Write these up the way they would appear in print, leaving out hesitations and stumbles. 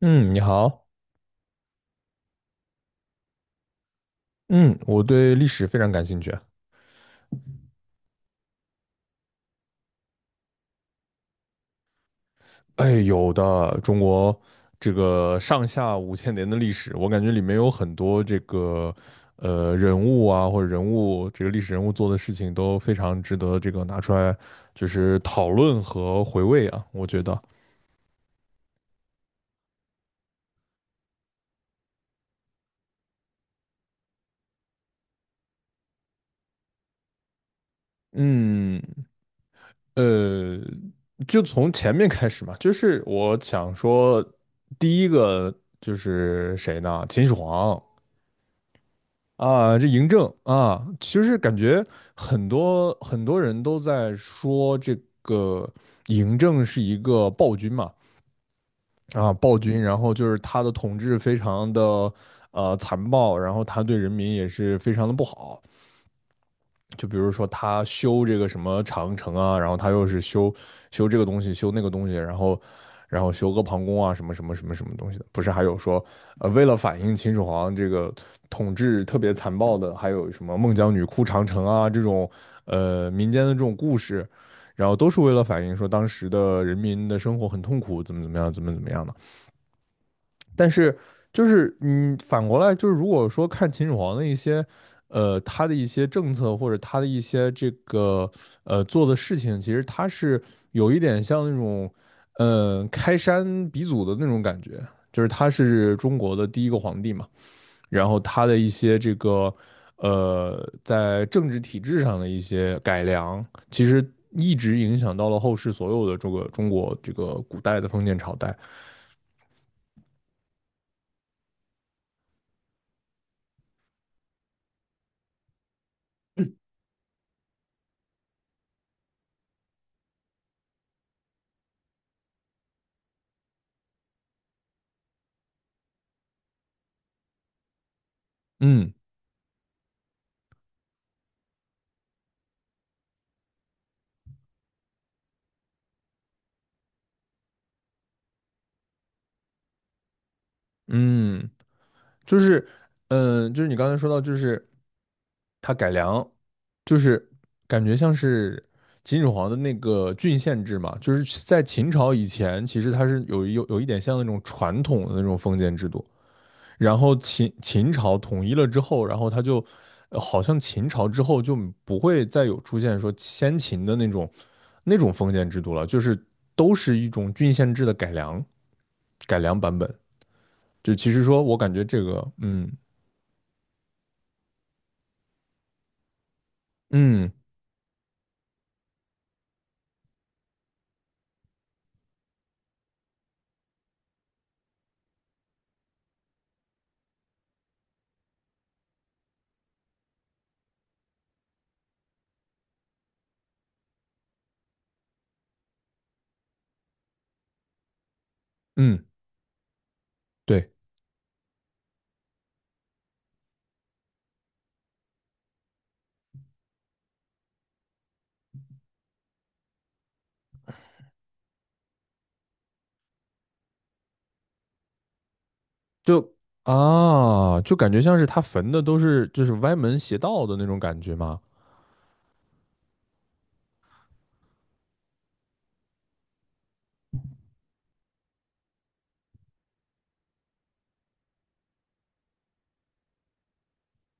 嗯，你好。嗯，我对历史非常感兴趣啊。哎，有的，中国这个上下五千年的历史，我感觉里面有很多这个人物啊，或者人物这个历史人物做的事情都非常值得这个拿出来就是讨论和回味啊。我觉得，嗯，呃，就从前面开始嘛，就是我想说，第一个就是谁呢？秦始皇。啊，这嬴政啊，其实感觉很多很多人都在说这个嬴政是一个暴君嘛，啊，暴君，然后就是他的统治非常的残暴，然后他对人民也是非常的不好，就比如说他修这个什么长城啊，然后他又是修这个东西，修那个东西，然后修阿房宫啊，什么什么什么什么东西的，不是还有说，为了反映秦始皇这个统治特别残暴的，还有什么孟姜女哭长城啊这种，民间的这种故事，然后都是为了反映说当时的人民的生活很痛苦，怎么怎么样，怎么怎么样的。但是就是反过来就是，如果说看秦始皇的一些，他的一些政策或者他的一些这个做的事情，其实他是有一点像那种，开山鼻祖的那种感觉，就是他是中国的第一个皇帝嘛，然后他的一些这个在政治体制上的一些改良，其实一直影响到了后世所有的这个中国这个古代的封建朝代。嗯嗯。就是，就是你刚才说到，就是它改良，就是感觉像是秦始皇的那个郡县制嘛，就是在秦朝以前，其实它是有一点像那种传统的那种封建制度，然后秦朝统一了之后，然后它就，好像秦朝之后就不会再有出现说先秦的那种封建制度了，就是都是一种郡县制的改良版本，就其实说我感觉这个。嗯。嗯嗯，对，就感觉像是他焚的都是就是歪门邪道的那种感觉嘛。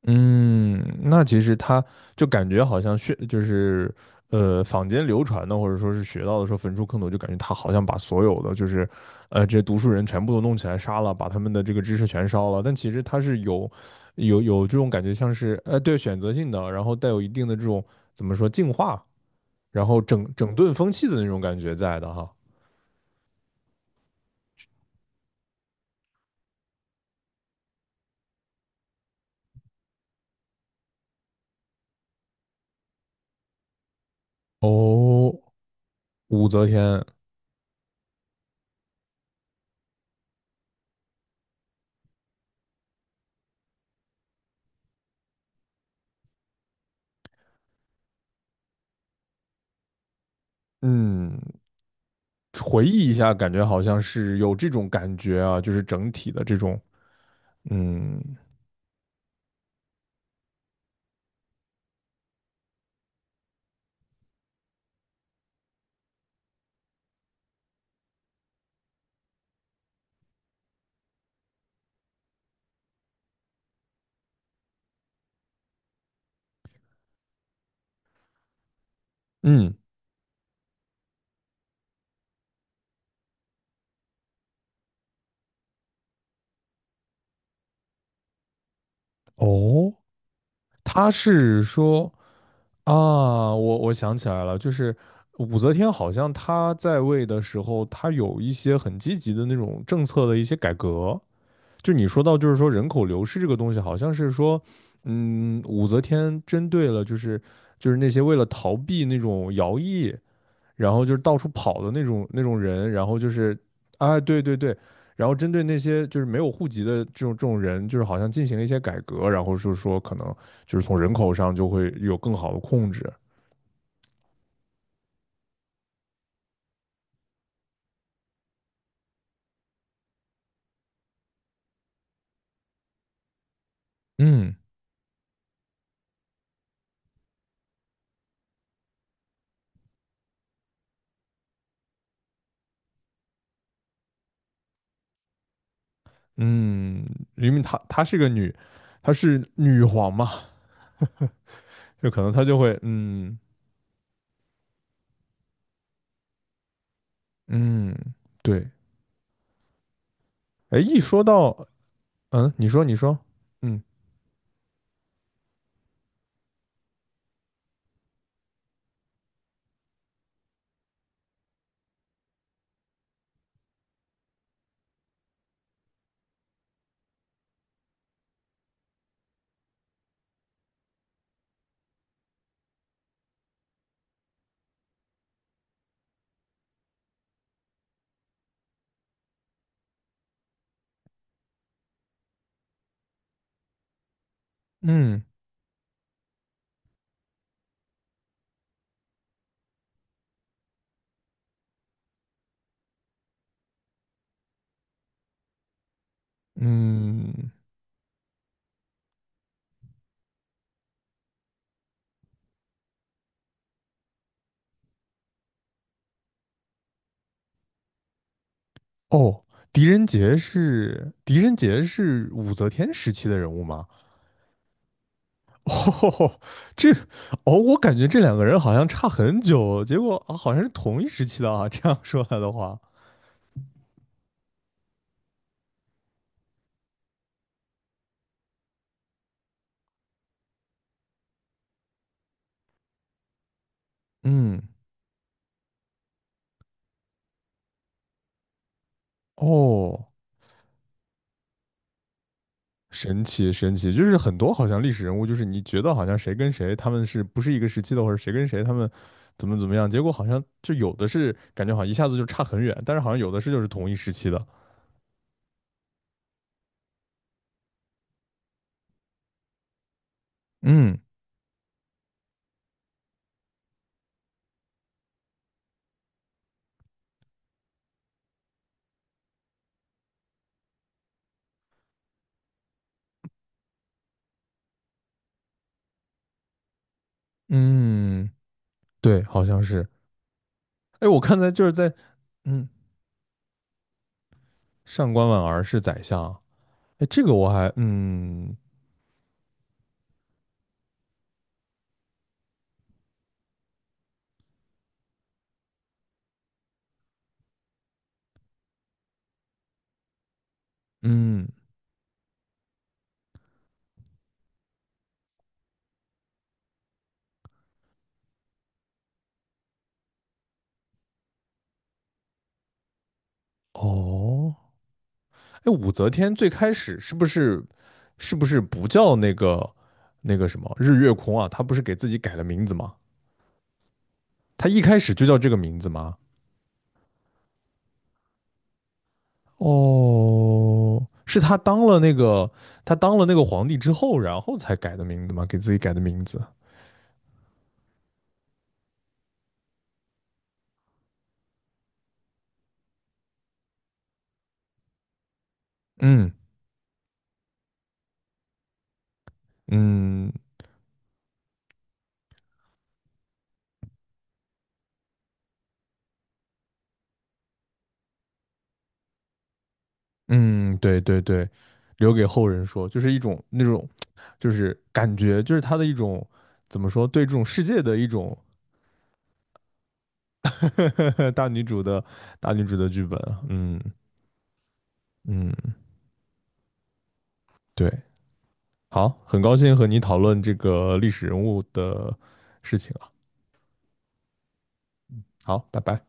嗯，那其实他就感觉好像学就是坊间流传的或者说是学到的说焚书坑儒，就感觉他好像把所有的就是这些读书人全部都弄起来杀了，把他们的这个知识全烧了。但其实他是有这种感觉，像是对选择性的，然后带有一定的这种怎么说净化，然后整顿风气的那种感觉在的哈。哦，武则天。嗯，回忆一下，感觉好像是有这种感觉啊，就是整体的这种。嗯嗯。哦，他是说。啊，我想起来了，就是武则天好像她在位的时候，她有一些很积极的那种政策的一些改革。就你说到，就是说人口流失这个东西，好像是说，武则天针对了，就是那些为了逃避那种徭役，然后就是到处跑的那种人，然后就是啊，对对对，然后针对那些就是没有户籍的这种人，就是好像进行了一些改革，然后就是说可能就是从人口上就会有更好的控制。嗯嗯。因为她是个女，她是女皇嘛，就可能她就会。嗯嗯。对。哎，一说到。你说你说。嗯嗯嗯。哦，狄仁杰是武则天时期的人物吗？哦，这哦，我感觉这两个人好像差很久，结果啊，好像是同一时期的啊。这样说来的话，嗯，哦，神奇神奇，就是很多好像历史人物，就是你觉得好像谁跟谁他们是不是一个时期的，或者谁跟谁他们怎么怎么样，结果好像就有的是感觉好像一下子就差很远，但是好像有的是就是同一时期的。嗯嗯，对，好像是。哎，我看在就是在。嗯，上官婉儿是宰相。哎，这个我还。嗯嗯。哦。哎，武则天最开始是不是是不是不叫那个什么日月空啊？她不是给自己改了名字吗？她一开始就叫这个名字吗？哦，是她当了那个皇帝之后，然后才改的名字吗？给自己改的名字？嗯嗯嗯，对对对。留给后人说，就是一种那种就是感觉就是他的一种怎么说对这种世界的一种 大女主的大女主的剧本啊。嗯嗯，对，好，很高兴和你讨论这个历史人物的事情啊，好，拜拜。